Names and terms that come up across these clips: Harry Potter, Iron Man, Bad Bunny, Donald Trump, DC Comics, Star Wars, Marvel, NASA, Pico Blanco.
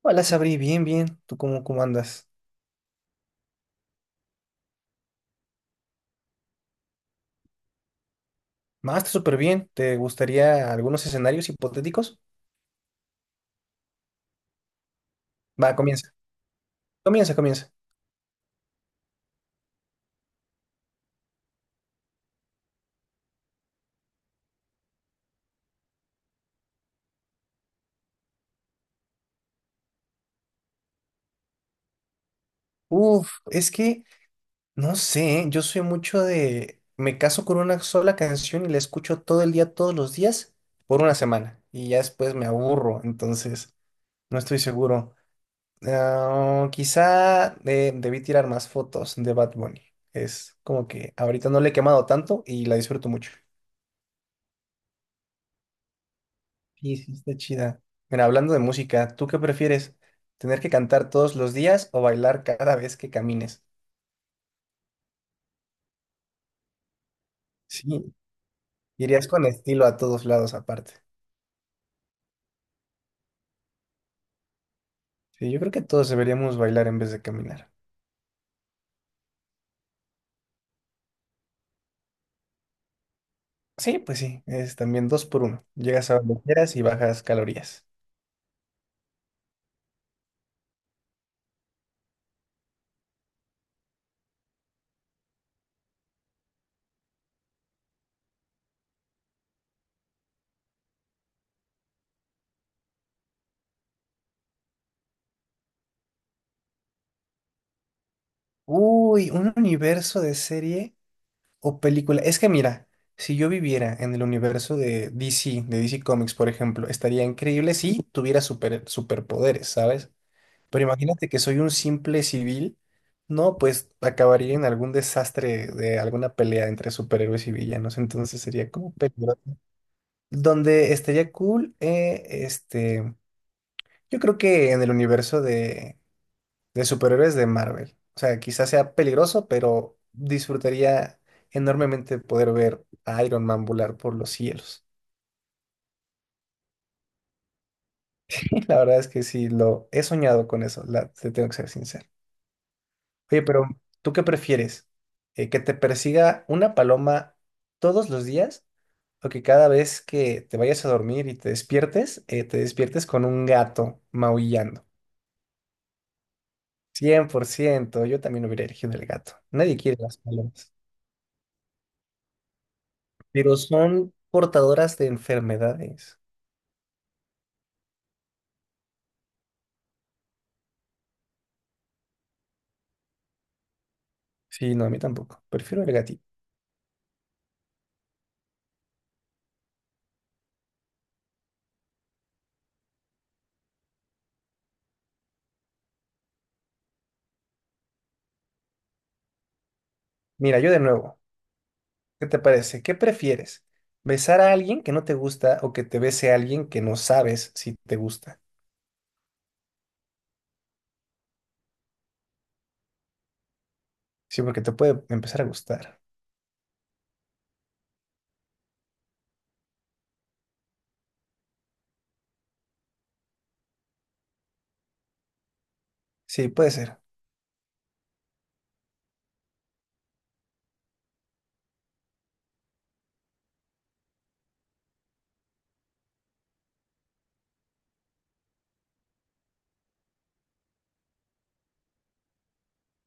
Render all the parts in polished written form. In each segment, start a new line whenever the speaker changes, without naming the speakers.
Hola, Sabri, bien, bien. ¿Tú cómo andas? Más, está súper bien. ¿Te gustaría algunos escenarios hipotéticos? Va, comienza. Comienza, comienza. Uf, es que no sé, yo soy mucho de. Me caso con una sola canción y la escucho todo el día, todos los días, por una semana. Y ya después me aburro, entonces no estoy seguro. Ah, quizá debí tirar más fotos de Bad Bunny. Es como que ahorita no le he quemado tanto y la disfruto mucho. Sí, sí, está chida. Mira, hablando de música, ¿tú qué prefieres? ¿Tener que cantar todos los días o bailar cada vez que camines? Sí, irías con estilo a todos lados aparte. Sí, yo creo que todos deberíamos bailar en vez de caminar. Sí, pues sí, es también dos por uno. Llegas a donde quieras y bajas calorías. Uy, un universo de serie o película. Es que mira, si yo viviera en el universo de DC, de DC Comics, por ejemplo, estaría increíble si tuviera superpoderes, ¿sabes? Pero imagínate que soy un simple civil, no, pues acabaría en algún desastre de alguna pelea entre superhéroes y villanos, entonces sería como peligroso. Donde estaría cool, este, yo creo que en el universo de superhéroes de Marvel. O sea, quizás sea peligroso, pero disfrutaría enormemente poder ver a Iron Man volar por los cielos. La verdad es que sí, lo he soñado con eso, te tengo que ser sincero. Oye, pero ¿tú qué prefieres? ¿Que te persiga una paloma todos los días o que cada vez que te vayas a dormir y te despiertes con un gato maullando? 100%, yo también hubiera elegido el gato. Nadie quiere las palomas, pero son portadoras de enfermedades. Sí, no, a mí tampoco. Prefiero el gatito. Mira, yo de nuevo, ¿qué te parece? ¿Qué prefieres? ¿Besar a alguien que no te gusta o que te bese a alguien que no sabes si te gusta? Sí, porque te puede empezar a gustar. Sí, puede ser,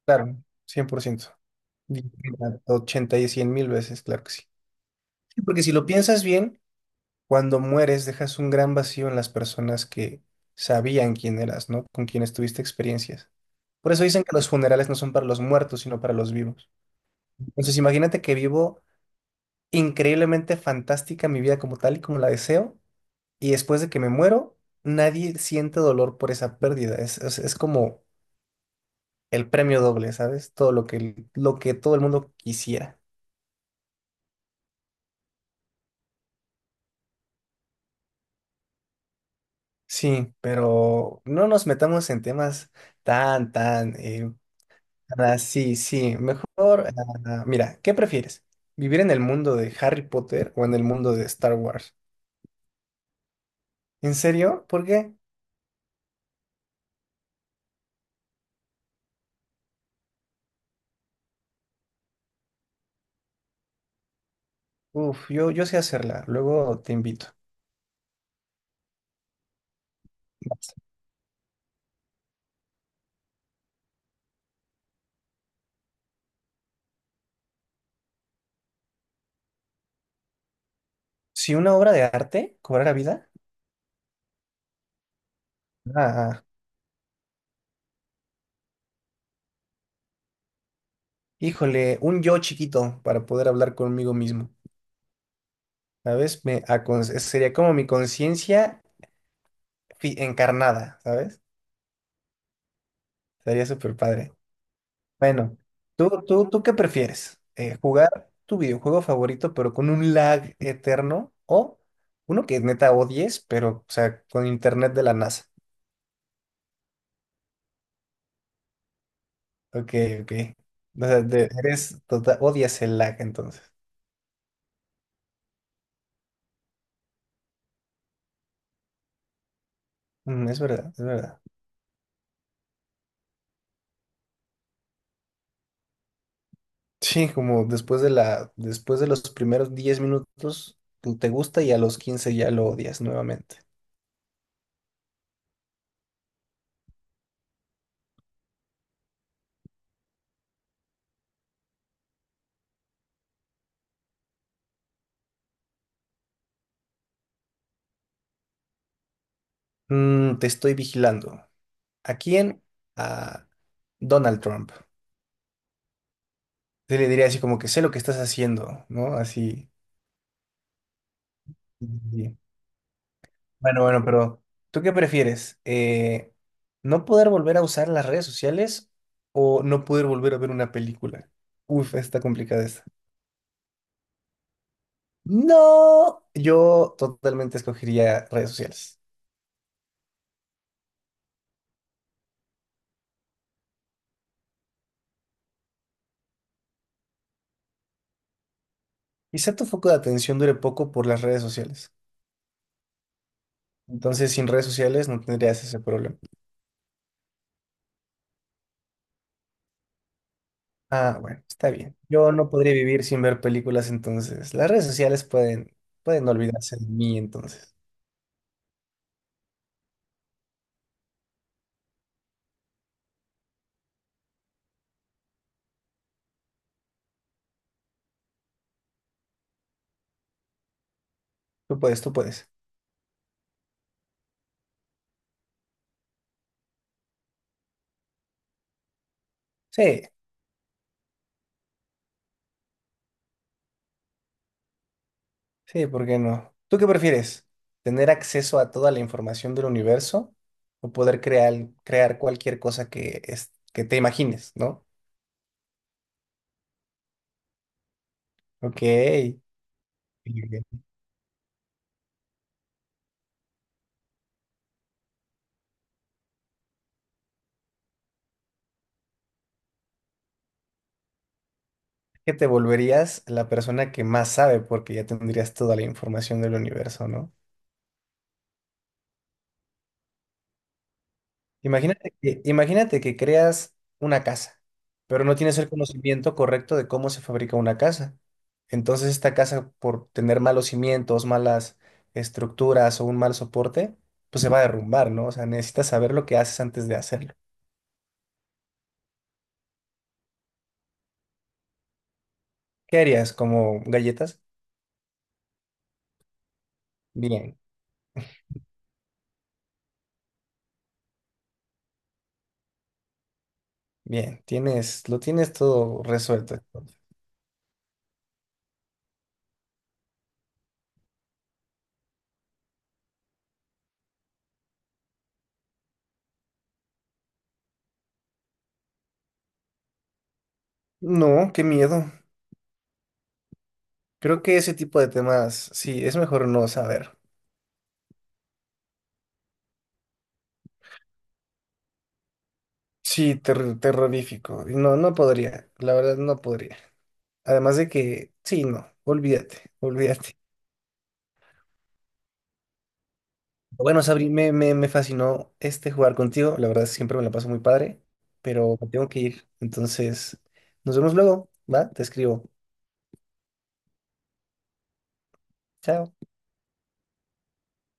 claro, 100%. Y- Ochenta y 100 mil veces, claro que sí. Sí, porque si lo piensas bien, cuando mueres dejas un gran vacío en las personas que sabían quién eras, ¿no? Con quienes tuviste experiencias. Por eso dicen que los funerales no son para los muertos, sino para los vivos. Entonces, imagínate que vivo increíblemente fantástica mi vida como tal y como la deseo, y después de que me muero, nadie siente dolor por esa pérdida. Es como el premio doble, ¿sabes? Todo lo que todo el mundo quisiera. Sí, pero no nos metamos en temas tan, tan, sí, sí, mejor, mira, ¿qué prefieres? ¿Vivir en el mundo de Harry Potter o en el mundo de Star Wars? ¿En serio? ¿Por qué? Uf, yo sé hacerla, luego te invito. Vas. Si una obra de arte cobrara vida, ah, híjole, un yo chiquito para poder hablar conmigo mismo, ¿sabes? Sería como mi conciencia encarnada, ¿sabes? Sería súper padre. Bueno, tú qué prefieres? ¿Jugar tu videojuego favorito pero con un lag eterno o uno que neta odies pero, o sea, con internet de la NASA? Ok, ok. O sea, eres, total odias el lag entonces. Mm, es verdad, es verdad. Sí, como después después de los primeros 10 minutos tú te gusta y a los 15 ya lo odias nuevamente. Mm, te estoy vigilando. ¿A quién? A Donald Trump. Sí, le diría así como que sé lo que estás haciendo, ¿no? Así. Sí. Bueno, bueno, pero ¿tú qué prefieres? ¿No poder volver a usar las redes sociales o no poder volver a ver una película? Uf, está complicada esta. No, yo totalmente escogería redes sociales. Quizá tu foco de atención dure poco por las redes sociales. Entonces, sin redes sociales no tendrías ese problema. Ah, bueno, está bien. Yo no podría vivir sin ver películas, entonces las redes sociales pueden no olvidarse de mí, entonces. Tú puedes, tú puedes. Sí, sí, ¿por qué no? ¿Tú qué prefieres? ¿Tener acceso a toda la información del universo o poder crear cualquier cosa que te imagines, ¿no? Ok. Que te volverías la persona que más sabe porque ya tendrías toda la información del universo, ¿no? Imagínate que creas una casa, pero no tienes el conocimiento correcto de cómo se fabrica una casa. Entonces esta casa, por tener malos cimientos, malas estructuras o un mal soporte, pues se va a derrumbar, ¿no? O sea, necesitas saber lo que haces antes de hacerlo. ¿Qué harías? ¿Como galletas? Bien, bien, lo tienes todo resuelto. No, qué miedo. Creo que ese tipo de temas, sí, es mejor no saber. Sí, terrorífico. No, no podría. La verdad, no podría. Además de que, sí, no, olvídate, olvídate. Bueno, Sabri, me fascinó este jugar contigo. La verdad, siempre me la paso muy padre, pero me tengo que ir. Entonces, nos vemos luego, ¿va? Te escribo. Chao.